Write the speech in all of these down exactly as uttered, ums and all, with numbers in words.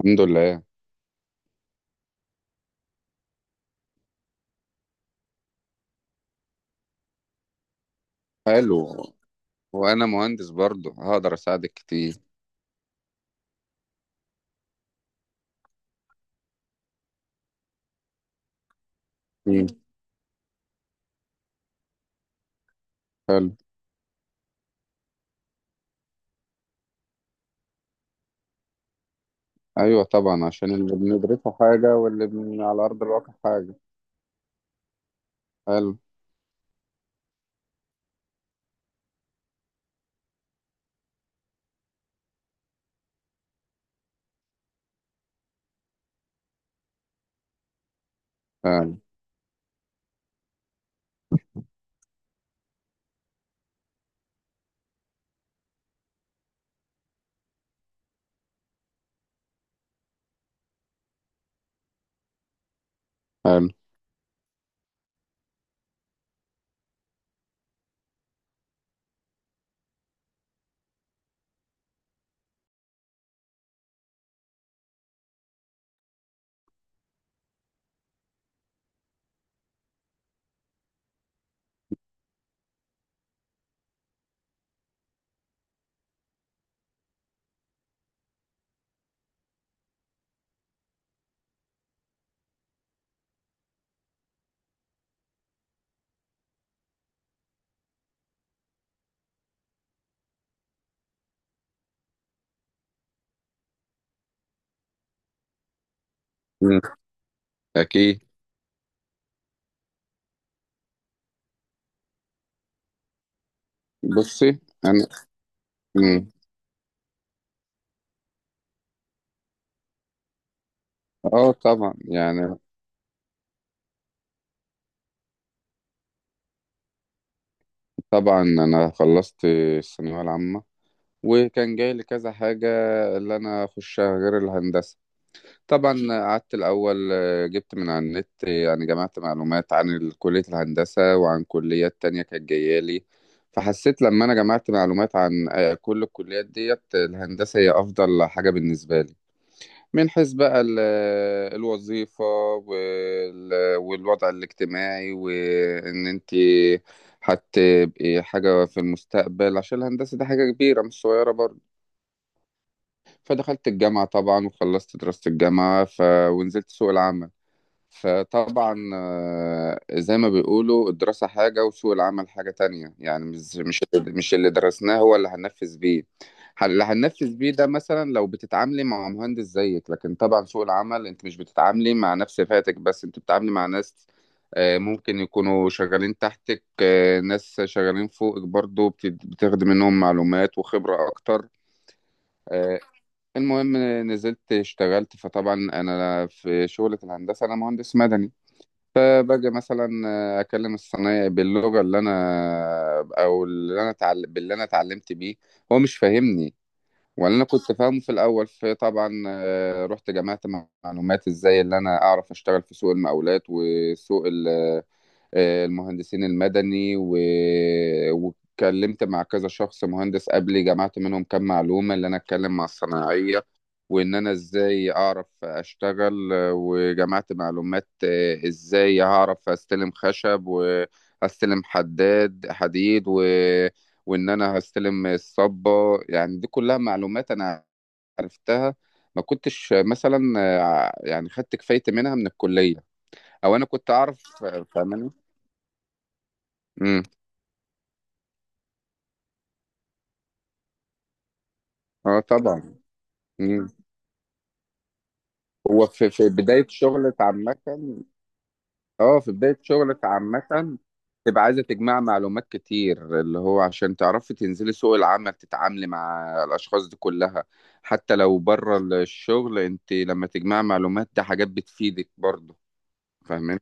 الحمد لله. حلو. وانا مهندس برضه هقدر اساعدك كتير. مم. حلو. ايوه طبعا، عشان اللي بندرسه حاجه واللي بن... على ارض الواقع حاجه. حلو. حلو. حلو. مم. اكيد. بصي. انا. مم. اه طبعا يعني. طبعا انا خلصت الثانويه العامه، وكان جاي لي كذا حاجه اللي انا اخشها غير الهندسه. طبعا قعدت الأول، آه، جبت من على النت، آه، يعني جمعت معلومات عن ال- كلية الهندسة وعن كليات تانية كانت جاية لي. فحسيت لما أنا جمعت معلومات عن آه، كل الكليات ديت، آه، الهندسة هي أفضل حاجة بالنسبة لي، من حيث بقى ال- آه، الوظيفة وال- والوضع الاجتماعي، وإن أنت هتبقي حاجة في المستقبل، عشان الهندسة دي حاجة كبيرة مش صغيرة برضه. فدخلت الجامعة طبعا، وخلصت دراسة الجامعة ف... ونزلت سوق العمل. فطبعا آه، زي ما بيقولوا الدراسة حاجة وسوق العمل حاجة تانية، يعني مش مش مش اللي درسناه هو اللي هننفذ بيه. ح- اللي هننفذ بيه ده مثلا لو بتتعاملي مع مهندس زيك، لكن طبعا سوق العمل انت مش بتتعاملي مع نفس فئتك، بس انت بتتعاملي مع ناس آه، ممكن يكونوا شغالين تحتك، آه، ناس شغالين فوقك برضو، بت- بتاخدي منهم معلومات وخبرة أكتر. آه، المهم نزلت اشتغلت. فطبعا أنا في شغلة الهندسة أنا مهندس مدني. باجي مثلا آه، اكلم الصنايعي باللغه اللي انا او اللي انا اتعلم باللي انا اتعلمت بيه، هو مش فاهمني ولا انا كنت فاهمه في الاول. فطبعا آه، رحت جمعت معلومات ازاي اللي انا اعرف اشتغل في سوق المقاولات وسوق ال آه، المهندسين المدني و... واتكلمت مع كذا شخص مهندس قبلي، جمعت منهم كام معلومة اللي أنا أتكلم مع الصناعية، وإن أنا إزاي أعرف أشتغل. آه، وجمعت معلومات آه، إزاي هعرف أستلم خشب وأستلم حداد حديد و... وإن أنا هستلم الصبة. يعني دي كلها معلومات أنا عرفتها، ما كنتش آه، مثلا آه، يعني خدت كفايتي منها من الكلية، أو أنا كنت أعرف. آه، فاهماني؟ آه، طبعًا. إمم، هو في في بداية شغلِك عامةً، آه، في بداية شغلِك عامةً، تبقى عايزة تجمعي معلومات كتير، اللي هو عشان تعرفي تنزلي سوق العمل، تتعاملي مع الأشخاص دي كلها، حتى لو برّه ال الشغل أنتِ لمّا تجمعي معلومات، ده حاجات بتفيدِك برضه. فاهماني؟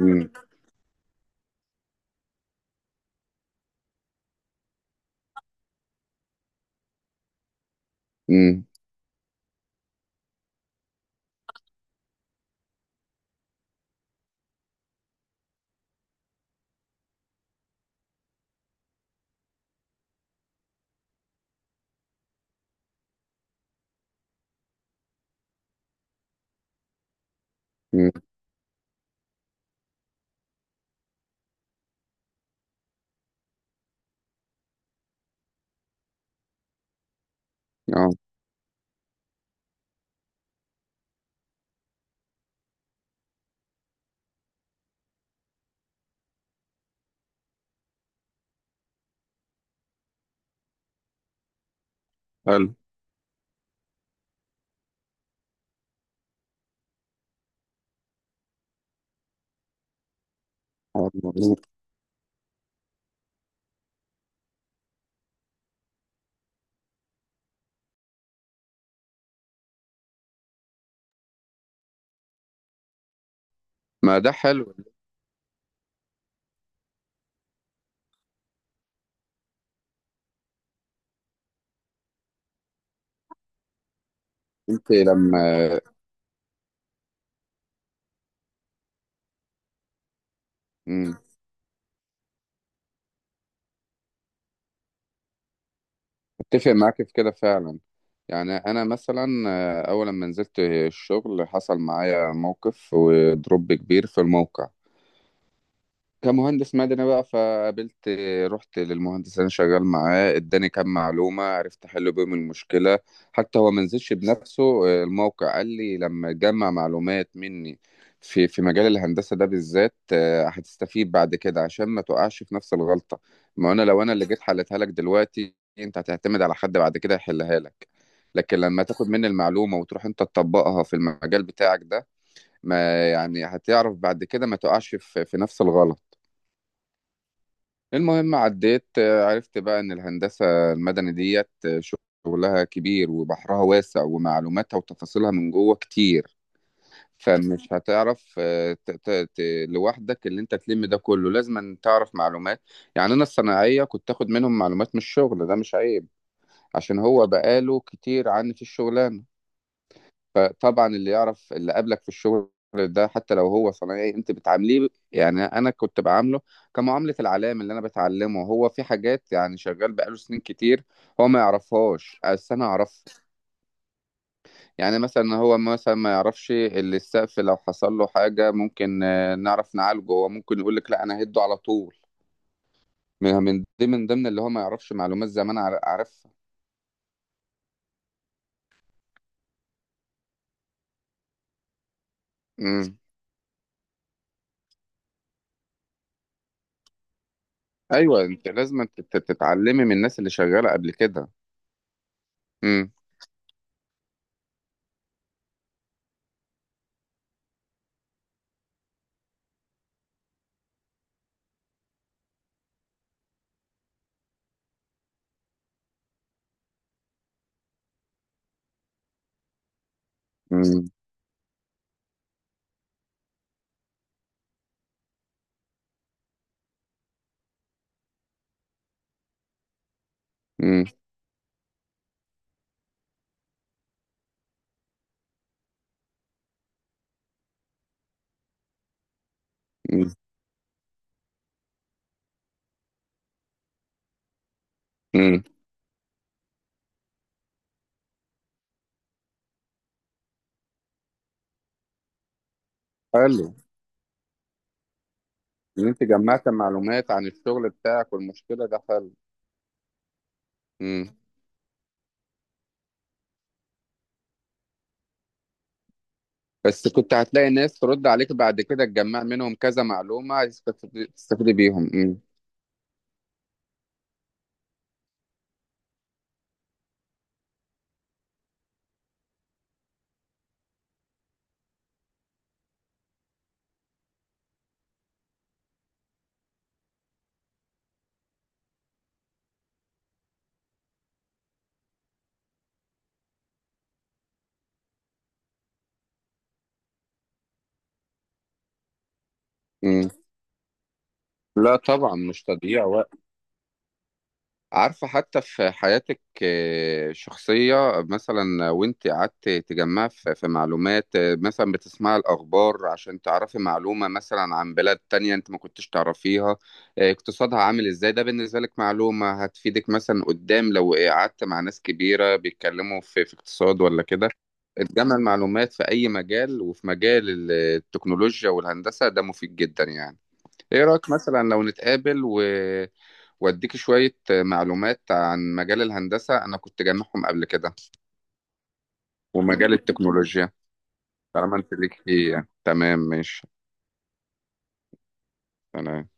إمم. إمم. إمم. آه. حلو. آه، مضبوط. ما ده حلو، إن أنتِ لمّا... إمم. اتفق معاك في كده فعلا. يعني انا مثلا آه، اول لما نزلت الشغل حصل معايا موقف ودروب كبير في الموقع كمهندس مدني بقى. فقابلت... رحت للمهندس اللي انا شغال معاه، اداني كام معلومه عرفت احل بيهم المشكله. حتى هو ما نزلش بنفسه آه، الموقع. قال لي لما تجمع معلومات مني في في مجال الهندسه ده بالذات، آه، هتستفيد بعد كده، عشان ما تقعش في نفس الغلطه. ما انا لو انا اللي جيت حلتها لك دلوقتي، انت هتعتمد على حد بعد كده يحلها لك. لكن لما تاخد مني المعلومه وتروح انت تطبقها في المجال بتاعك ده، ما يعني هتعرف بعد كده ما تقعش في في نفس الغلط. المهم عديت، آه، عرفت بقى ان الهندسة المدني ديت آه، شغلها كبير، وبحرها واسع، ومعلوماتها وتفاصيلها من جوه كتير. فمش هتعرف آه، ت- ت- ت- لوحدك اللي انت تلم ده كله، لازم أن تعرف معلومات. يعني انا الصناعية كنت تاخد منهم معلومات من الشغل، ده مش عيب، عشان هو بقاله كتير عني في الشغلانة. فطبعا اللي يعرف اللي قابلك في الشغل ده حتى لو هو صنايعي، انت بتعامليه، يعني انا كنت بعامله كمعامله العلام اللي انا بتعلمه. هو في حاجات يعني شغال بقاله سنين كتير هو ما يعرفهاش بس انا اعرفها. يعني مثلا هو مثلا ما يعرفش اللي السقف لو حصل له حاجه ممكن آه، نعرف نعالجه، هو ممكن يقول لك لا انا هده على طول، من من دي من ضمن اللي هو ما يعرفش. معلومات زمان عار- عارفها. امم. ايوه انت لازم تت- تتعلمي من الناس اللي شغاله قبل كده. امم. امم. مم. مم. حلو. ان انت جمعت معلومات عن الشغل بتاعك والمشكله، ده حلو. مم. بس كنت هتلاقي ناس ترد عليك بعد كده تجمع منهم كذا معلومه، تستفيد تستفيد بيهم. مم. مم. لا طبعا مش تضييع وقت. عارفة، حتى في حياتك آه، شخصية مثلا، وانت قعدت تجمع في في معلومات، آه، مثلا بتسمع الأخبار عشان تعرفي معلومة مثلا عن بلاد تانية انت ما كنتش تعرفيها، آه، اقتصادها عامل ازاي، ده بالنسبة لك معلومة هتفيدك مثلا قدام، لو قعدت مع ناس كبيرة بيتكلموا في في اقتصاد ولا كده. تجمع المعلومات في أي مجال، وفي مجال ال- آه، التكنولوجيا والهندسة ده مفيد جدا يعني. ايه رأيك مثلا لو نتقابل و... واديك شوية معلومات عن مجال الهندسة أنا كنت جامعهم قبل كده، ومجال التكنولوجيا؟ طالما أنت ليك فيه. تمام. ماشي. تمام.